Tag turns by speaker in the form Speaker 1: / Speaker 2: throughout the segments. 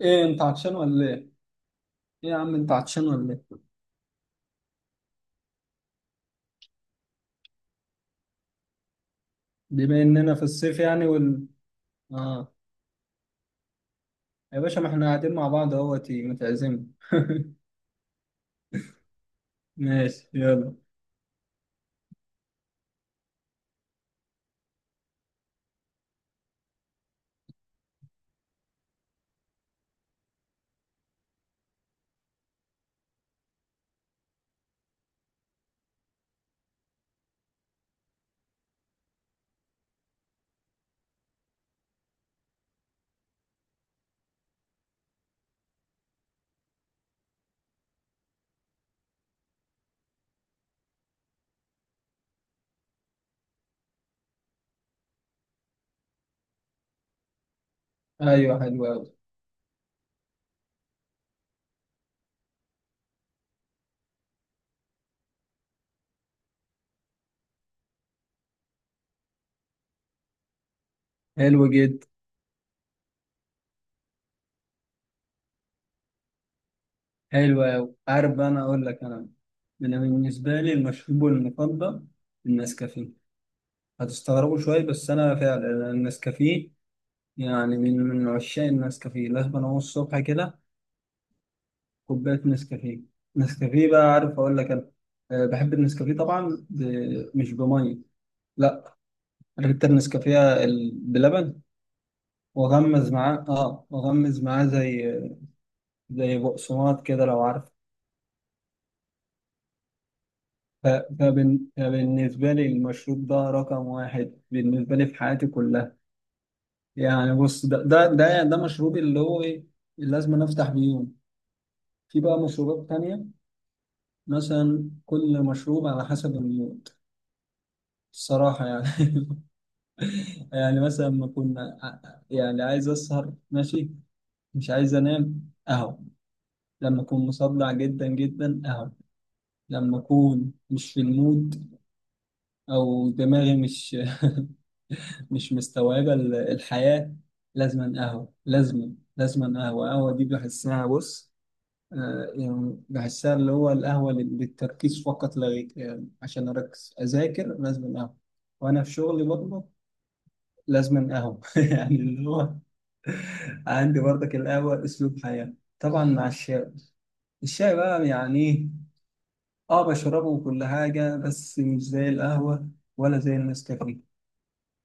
Speaker 1: ايه انت عطشان ولا ايه؟ ايه يا عم انت عطشان ولا ايه؟ بما اننا في الصيف يعني وال اه يا باشا ما احنا قاعدين مع بعض اهوت متعزم ماشي، يلا. ايوه، حلو قوي. حلو جدا. حلو قوي. عارف بقى، انا اقول لك. انا بالنسبه لي المشروب المفضل النسكافيه. هتستغربوا شويه، بس انا فعلا النسكافيه. يعني من عشاق النسكافيه. لازم انا الصبح كده كوباية نسكافيه. نسكافيه بقى، عارف أقول لك أنا؟ أه، بحب النسكافيه طبعا مش بمية. لا. أنا جبت النسكافيه بلبن. وأغمز معاه، زي بقسماط كده لو عارف. فبالنسبة لي المشروب ده رقم واحد بالنسبة لي في حياتي كلها. يعني بص، ده مشروبي اللي هو إيه، اللي لازم أنا أفتح بيه يوم. في بقى مشروبات تانية. مثلا كل مشروب على حسب المود، الصراحة يعني يعني مثلا ما كنا يعني عايز اسهر، ماشي. مش عايز انام اهو. لما اكون مصدع جدا جدا اهو. لما اكون مش في المود، او دماغي مش مش مستوعبه الحياه. لازما اهو، لازما لازما قهوه. قهوه دي بحسها، بص. يعني بحسها، اللي هو القهوه للتركيز فقط لا غير. يعني عشان اركز اذاكر لازما قهوه، وانا في شغلي برضه لازما قهوه يعني اللي هو، عندي برضك القهوة أسلوب حياة. طبعا مع الشاي. الشاي بقى يعني إيه، بشربه وكل حاجة، بس مش زي القهوة ولا زي النسكافيه،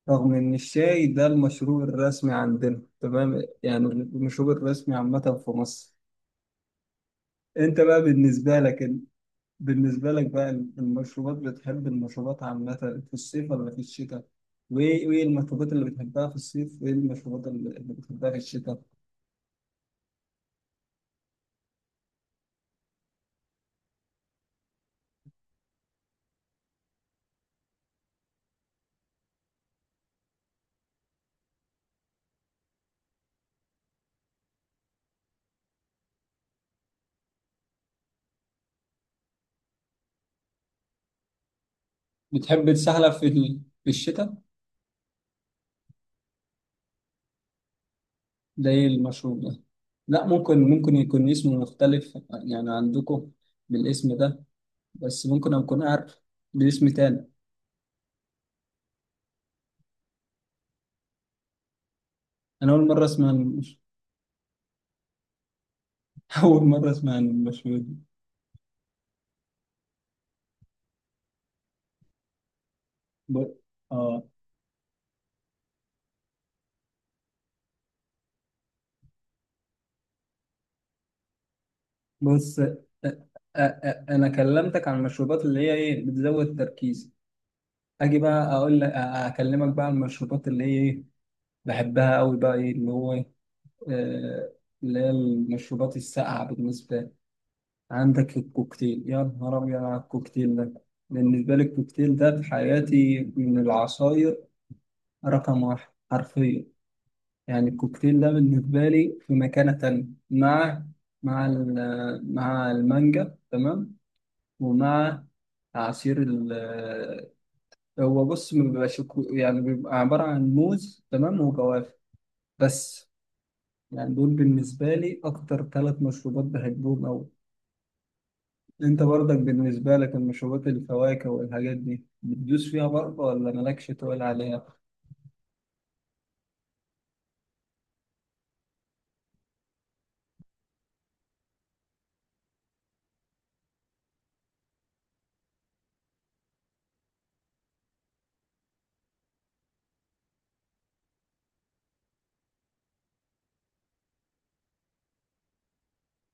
Speaker 1: رغم إن الشاي ده المشروب الرسمي عندنا، تمام؟ يعني المشروب الرسمي عامة في مصر. أنت بقى بالنسبة لك، بقى المشروبات، بتحب المشروبات عامة في الصيف ولا في الشتاء؟ وإيه المشروبات اللي بتحبها في الصيف، وإيه المشروبات اللي بتحبها في الشتاء؟ بتحب تسحلب في الشتاء؟ زي المشروب ده؟ لا، ممكن يكون اسمه مختلف يعني عندكم بالاسم ده، بس ممكن أكون عارف باسم تاني. أنا أول مرة أسمع أول مرة أسمع عن المشروب ده. ب... آه بص أ... أ... أ... أنا كلمتك عن المشروبات اللي هي إيه بتزود تركيزي. أجي بقى أقول لك، أكلمك بقى عن المشروبات اللي هي إيه، بحبها أوي بقى إيه اللي هو إيه. آه، اللي هي المشروبات الساقعة. بالنسبة، عندك الكوكتيل. يا نهار أبيض على الكوكتيل ده. بالنسبة لي الكوكتيل ده في حياتي من العصاير رقم واحد حرفيا. يعني الكوكتيل ده بالنسبة لي في مكانة تانية، مع مع المانجا، تمام، ومع عصير ال هو بص ما بيبقاش يعني بيبقى عبارة عن موز، تمام، وجوافة بس. يعني دول بالنسبة لي أكتر ثلاث مشروبات بحبهم أوي. انت برضك بالنسبة لك المشروبات، الفواكه والحاجات دي بتدوس فيها برضه ولا مالكش تقول عليها؟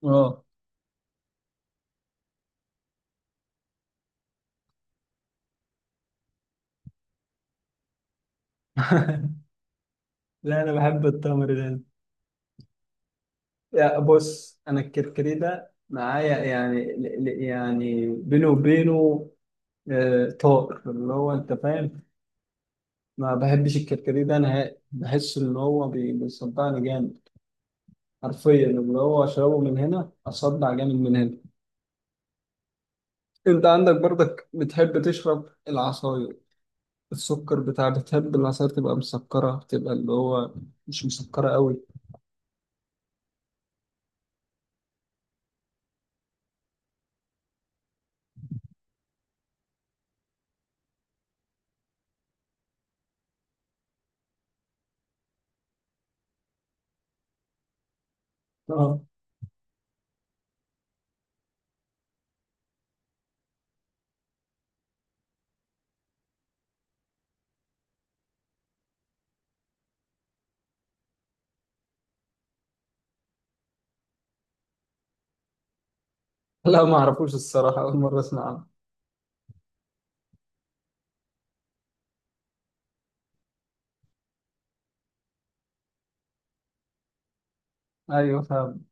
Speaker 1: اه لا انا بحب التمر ده. يا بص، انا الكركديه ده معايا يعني يعني بينه وبينه. آه، طار اللي هو، انت فاهم، ما بحبش الكركديه ده نهائي. بحس ان هو بيصدعني جامد، حرفيا. اللي هو اشربه من هنا، اصدع جامد من هنا. انت عندك برضك بتحب تشرب العصاير؟ السكر بتاع، بتحب العصاير تبقى مسكرة، تبقى اللي هو مش مسكرة قوي؟ اه. لا ما اعرفوش الصراحة، أول مرة أسمع عنه. أيوه، فاهم.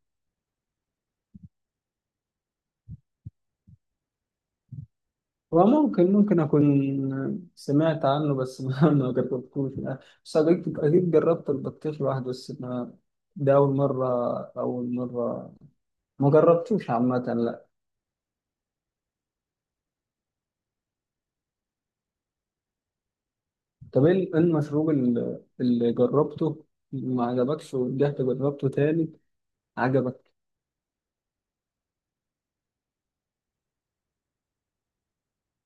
Speaker 1: هو ممكن أكون سمعت عنه، بس ما ما جربتوش يعني. بس أكيد أكيد جربت البطيخ لوحده، بس ما، ده أول مرة. أول مرة ما جربتوش عامة، لا. طب إيه إيه المشروب اللي جربته ما عجبكش ورجعت جربته تاني عجبك؟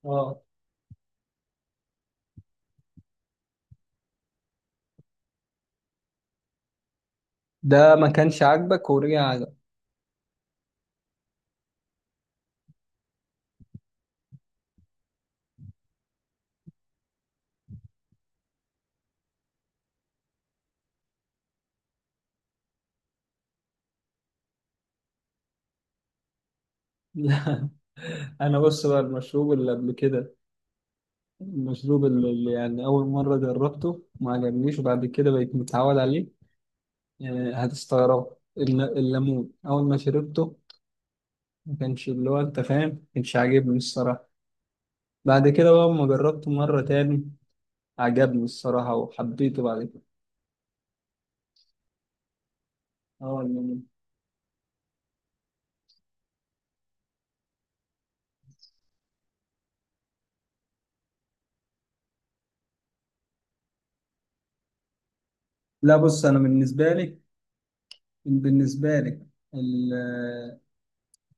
Speaker 1: اه. ده ما كانش عاجبك ورجع؟ لا انا بص بقى، المشروب اللي قبل كده، المشروب اللي يعني اول مره جربته ما عجبنيش وبعد كده بقيت متعود عليه، يعني هتستغرب، الليمون اول ما شربته ما كانش، اللي هو انت فاهم، ما كانش عاجبني الصراحه. بعد كده بقى لما جربته مره تاني عجبني الصراحه، وحبيته بعد كده. اه، الليمون. لا بص، انا بالنسبه لي ال-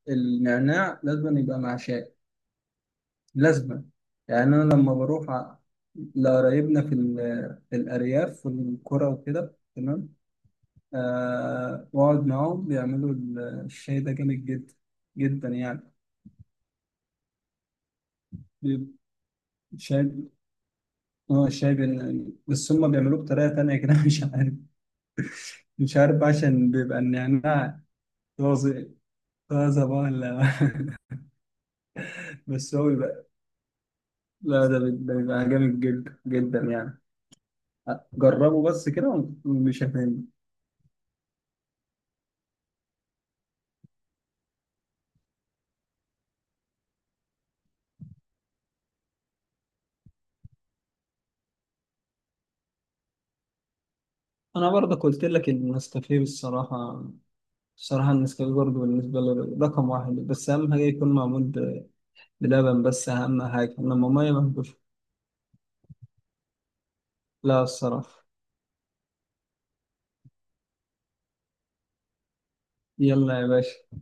Speaker 1: النعناع لازم يبقى مع شاي، لازما. يعني انا لما بروح لقرايبنا في الارياف في القرى وكده، تمام، واقعد معاهم بيعملوا الشاي ده جامد جدا جدا يعني. بيبقى شاي، اه شاي بس هم بيعملوه بطريقه تانية كده مش عارف، مش عارف بقى، عشان بيبقى النعناع طازه. طازه بقى ولا بس هو بيبقى، لا ده بيبقى جامد جدا جدا يعني. جربوا بس كده ومش هتندم. انا برضه قلت لك النسكافيه، الصراحه. صراحة النسكافيه برضه بالنسبة لي رقم واحد، بس أهم حاجة يكون معمول بلبن، بس أهم حاجة إنما مية مهبوش. لا الصراحة. يلا يا باشا.